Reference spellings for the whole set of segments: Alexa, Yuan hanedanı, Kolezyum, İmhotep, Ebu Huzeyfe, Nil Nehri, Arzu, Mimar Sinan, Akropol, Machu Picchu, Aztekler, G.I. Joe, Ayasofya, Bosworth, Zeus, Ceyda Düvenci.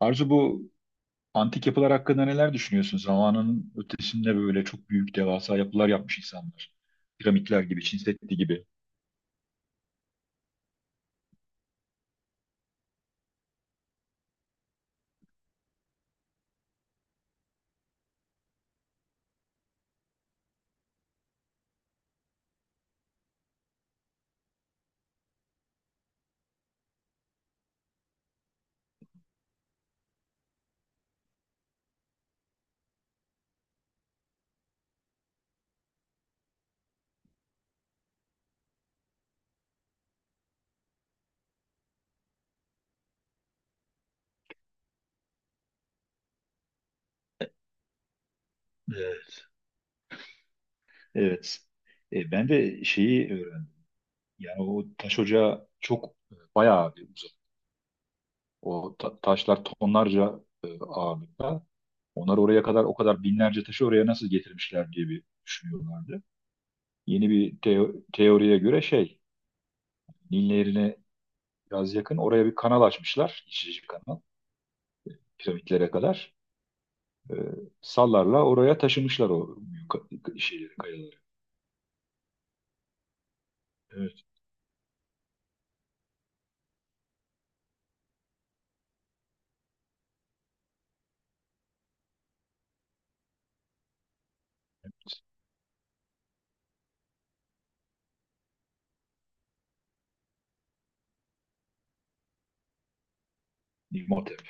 Arzu, bu antik yapılar hakkında neler düşünüyorsun? Zamanın ötesinde böyle çok büyük devasa yapılar yapmış insanlar. Piramitler gibi, Çin Seddi gibi. Evet. Evet. Ben de şeyi öğrendim. Yani o taş ocağı çok, bayağı bir uzak. O taşlar tonlarca, ağırlıkta. Onlar oraya kadar o kadar binlerce taşı oraya nasıl getirmişler diye bir düşünüyorlardı. Yeni bir teoriye göre Nil Nehri'ne biraz yakın oraya bir kanal açmışlar, geçici kanal, piramitlere kadar. E, sallarla oraya taşımışlar o büyük şeyleri, kayaları. Evet. İmhotep.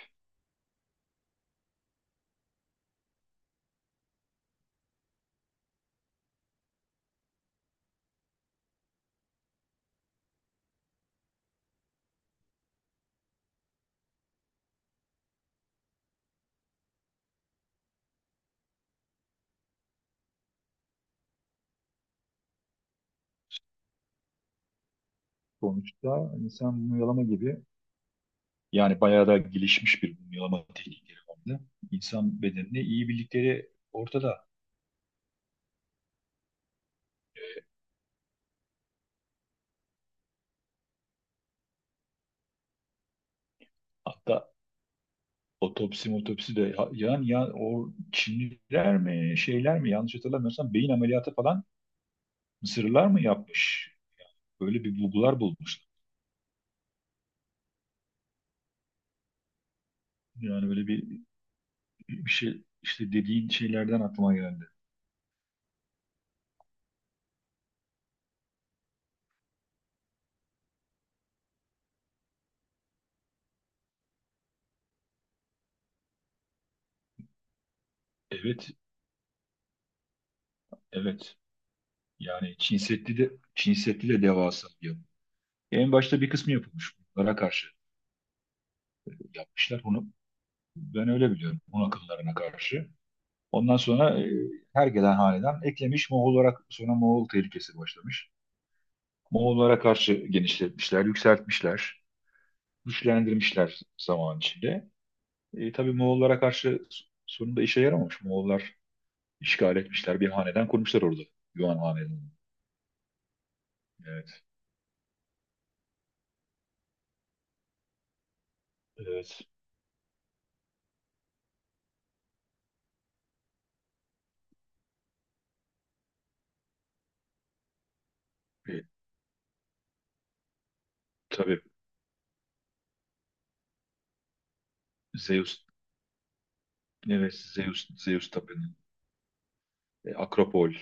Sonuçta insan mumyalama gibi, yani bayağı da gelişmiş bir mumyalama teknikleri vardı. İnsan bedenini iyi bildikleri ortada. Hatta otopsi motopsi de yani, ya o Çinliler mi, şeyler mi, yanlış hatırlamıyorsam beyin ameliyatı falan, Mısırlılar mı yapmış? Böyle bir bulgular bulmuşlar. Yani böyle bir şey işte, dediğin şeylerden aklıma geldi. Evet, evet, yani Çin Seddi de Çin Seddi de devasa bir yapı. En başta bir kısmı yapılmış, bunlara karşı yapmışlar bunu. Ben öyle biliyorum, Hun akımlarına karşı. Ondan sonra her gelen hanedan eklemiş Moğol olarak, sonra Moğol tehlikesi başlamış. Moğollara karşı genişletmişler, yükseltmişler, güçlendirmişler zaman içinde. Tabii Moğollara karşı sonunda işe yaramamış. Moğollar işgal etmişler, bir hanedan kurmuşlar orada. Yuan hanedanı. Evet, evet. E, tabii Zeus, evet, Zeus tapınağı, Akropol.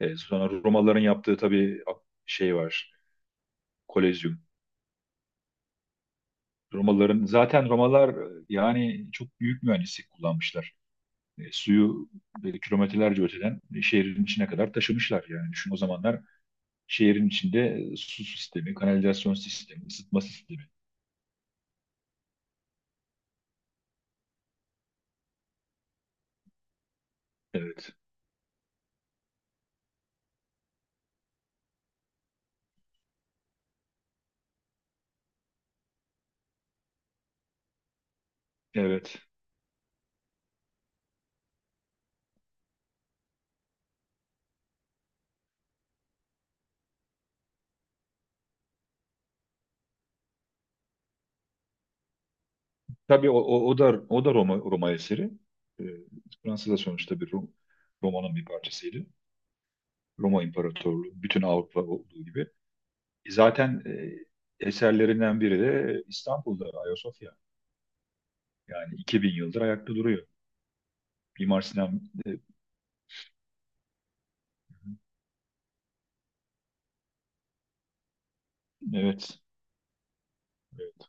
Sonra Romalıların yaptığı, tabii, şey var, Kolezyum. Romalıların, zaten Romalılar, yani çok büyük mühendislik kullanmışlar. Suyu kilometrelerce öteden, şehrin içine kadar taşımışlar. Yani düşün, o zamanlar şehrin içinde su sistemi, kanalizasyon sistemi, ısıtma sistemi. Evet, evet. Tabii o da Roma eseri. E, Fransa da sonuçta bir Roma'nın bir parçasıydı. Roma İmparatorluğu, bütün Avrupa olduğu gibi. Zaten eserlerinden biri de İstanbul'da Ayasofya. Yani 2000 yıldır ayakta duruyor. Mimar Sinan. e, evet, evet.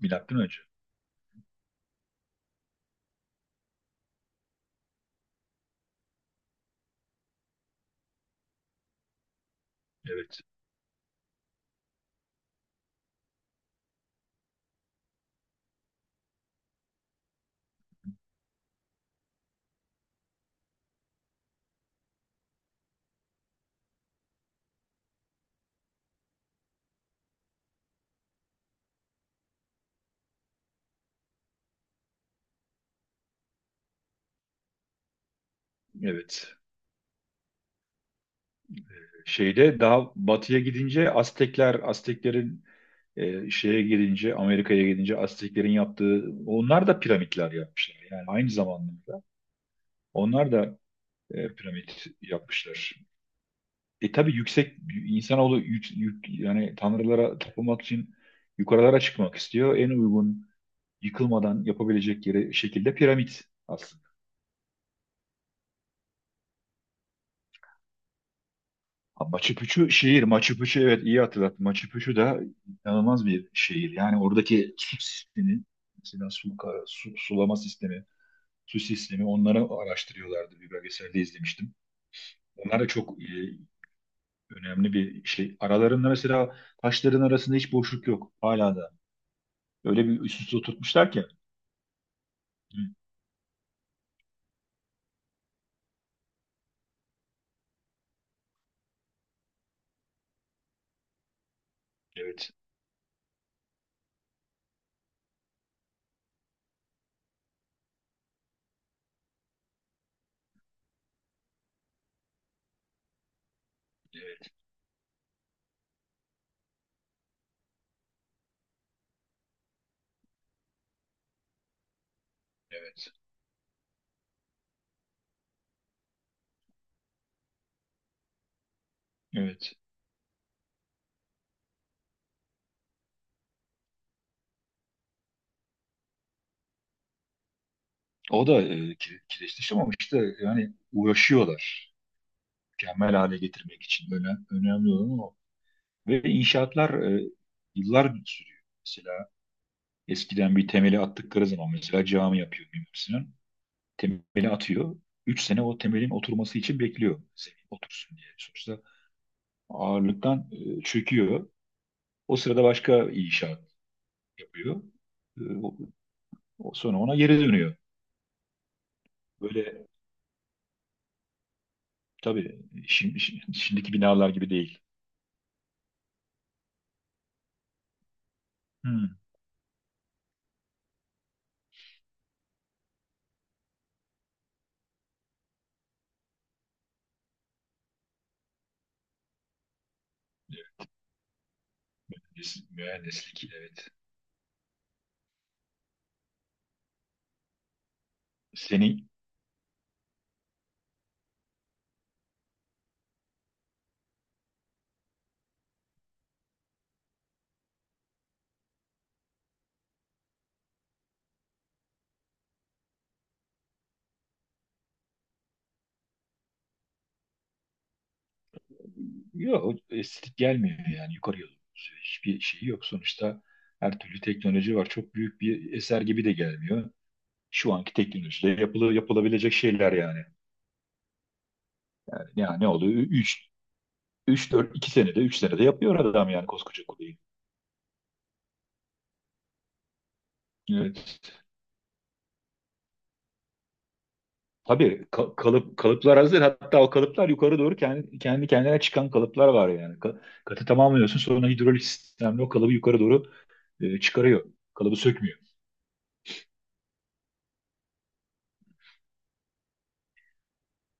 Milattan önce. Evet. Evet. Şeyde, daha batıya gidince, Aztekler, Azteklerin, e, şeye gidince Amerika'ya gidince, Azteklerin yaptığı, onlar da piramitler yapmışlar. Yani aynı zamanda onlar da piramit yapmışlar. Tabii yüksek, insanoğlu yani tanrılara tapınmak için yukarılara çıkmak istiyor. En uygun, yıkılmadan yapabilecek yere şekilde piramit. Ha, Machu Picchu şehir. Machu Picchu, evet, iyi hatırlattın. Machu Picchu da inanılmaz bir şehir. Yani oradaki su sistemi, mesela su, sulama sistemi, su sistemi, onları araştırıyorlardı. Bir belgeselde izlemiştim. Onlar da çok önemli bir şey. Aralarında, mesela taşların arasında hiç boşluk yok. Hala da. Öyle bir üst üste oturtmuşlar ki. Hı. Evet. Evet. Evet. Evet. O da kireçleşti, ama işte yani uğraşıyorlar. Mükemmel hale getirmek için. Önemli olan o. Ve inşaatlar e, yıllar sürüyor. Mesela eskiden bir temeli attıkları zaman, mesela cami yapıyor Mimar Sinan. Temeli atıyor. Üç sene o temelin oturması için bekliyor. Zemin otursun diye. Sonuçta ağırlıktan çöküyor. O sırada başka inşaat yapıyor. E, o- o sonra ona geri dönüyor. Böyle tabii, şimdi, şimdiki binalar gibi değil. Hmm. Mühendislik, evet. Senin. Yok, o estetik gelmiyor, yani yukarı yolu hiçbir şey yok. Sonuçta her türlü teknoloji var. Çok büyük bir eser gibi de gelmiyor. Şu anki teknolojide yapılabilecek şeyler yani. Yani ne oluyor? 3 3 4 2 senede, 3 senede yapıyor adam, yani koskoca kuleyi. Evet. Tabii kalıplar hazır. Hatta o kalıplar yukarı doğru kendi kendine çıkan kalıplar var yani. Katı tamamlıyorsun, sonra hidrolik sistemle o kalıbı yukarı doğru çıkarıyor. Kalıbı sökmüyor.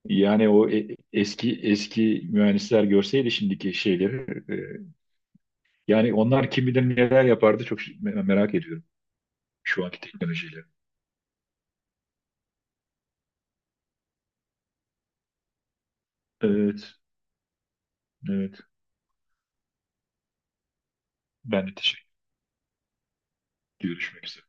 Yani o eski eski mühendisler görseydi şimdiki şeyleri, e, yani onlar kim bilir neler yapardı, çok merak ediyorum şu anki teknolojiyle. Evet, evet. Ben de teşekkür. Görüşmek üzere.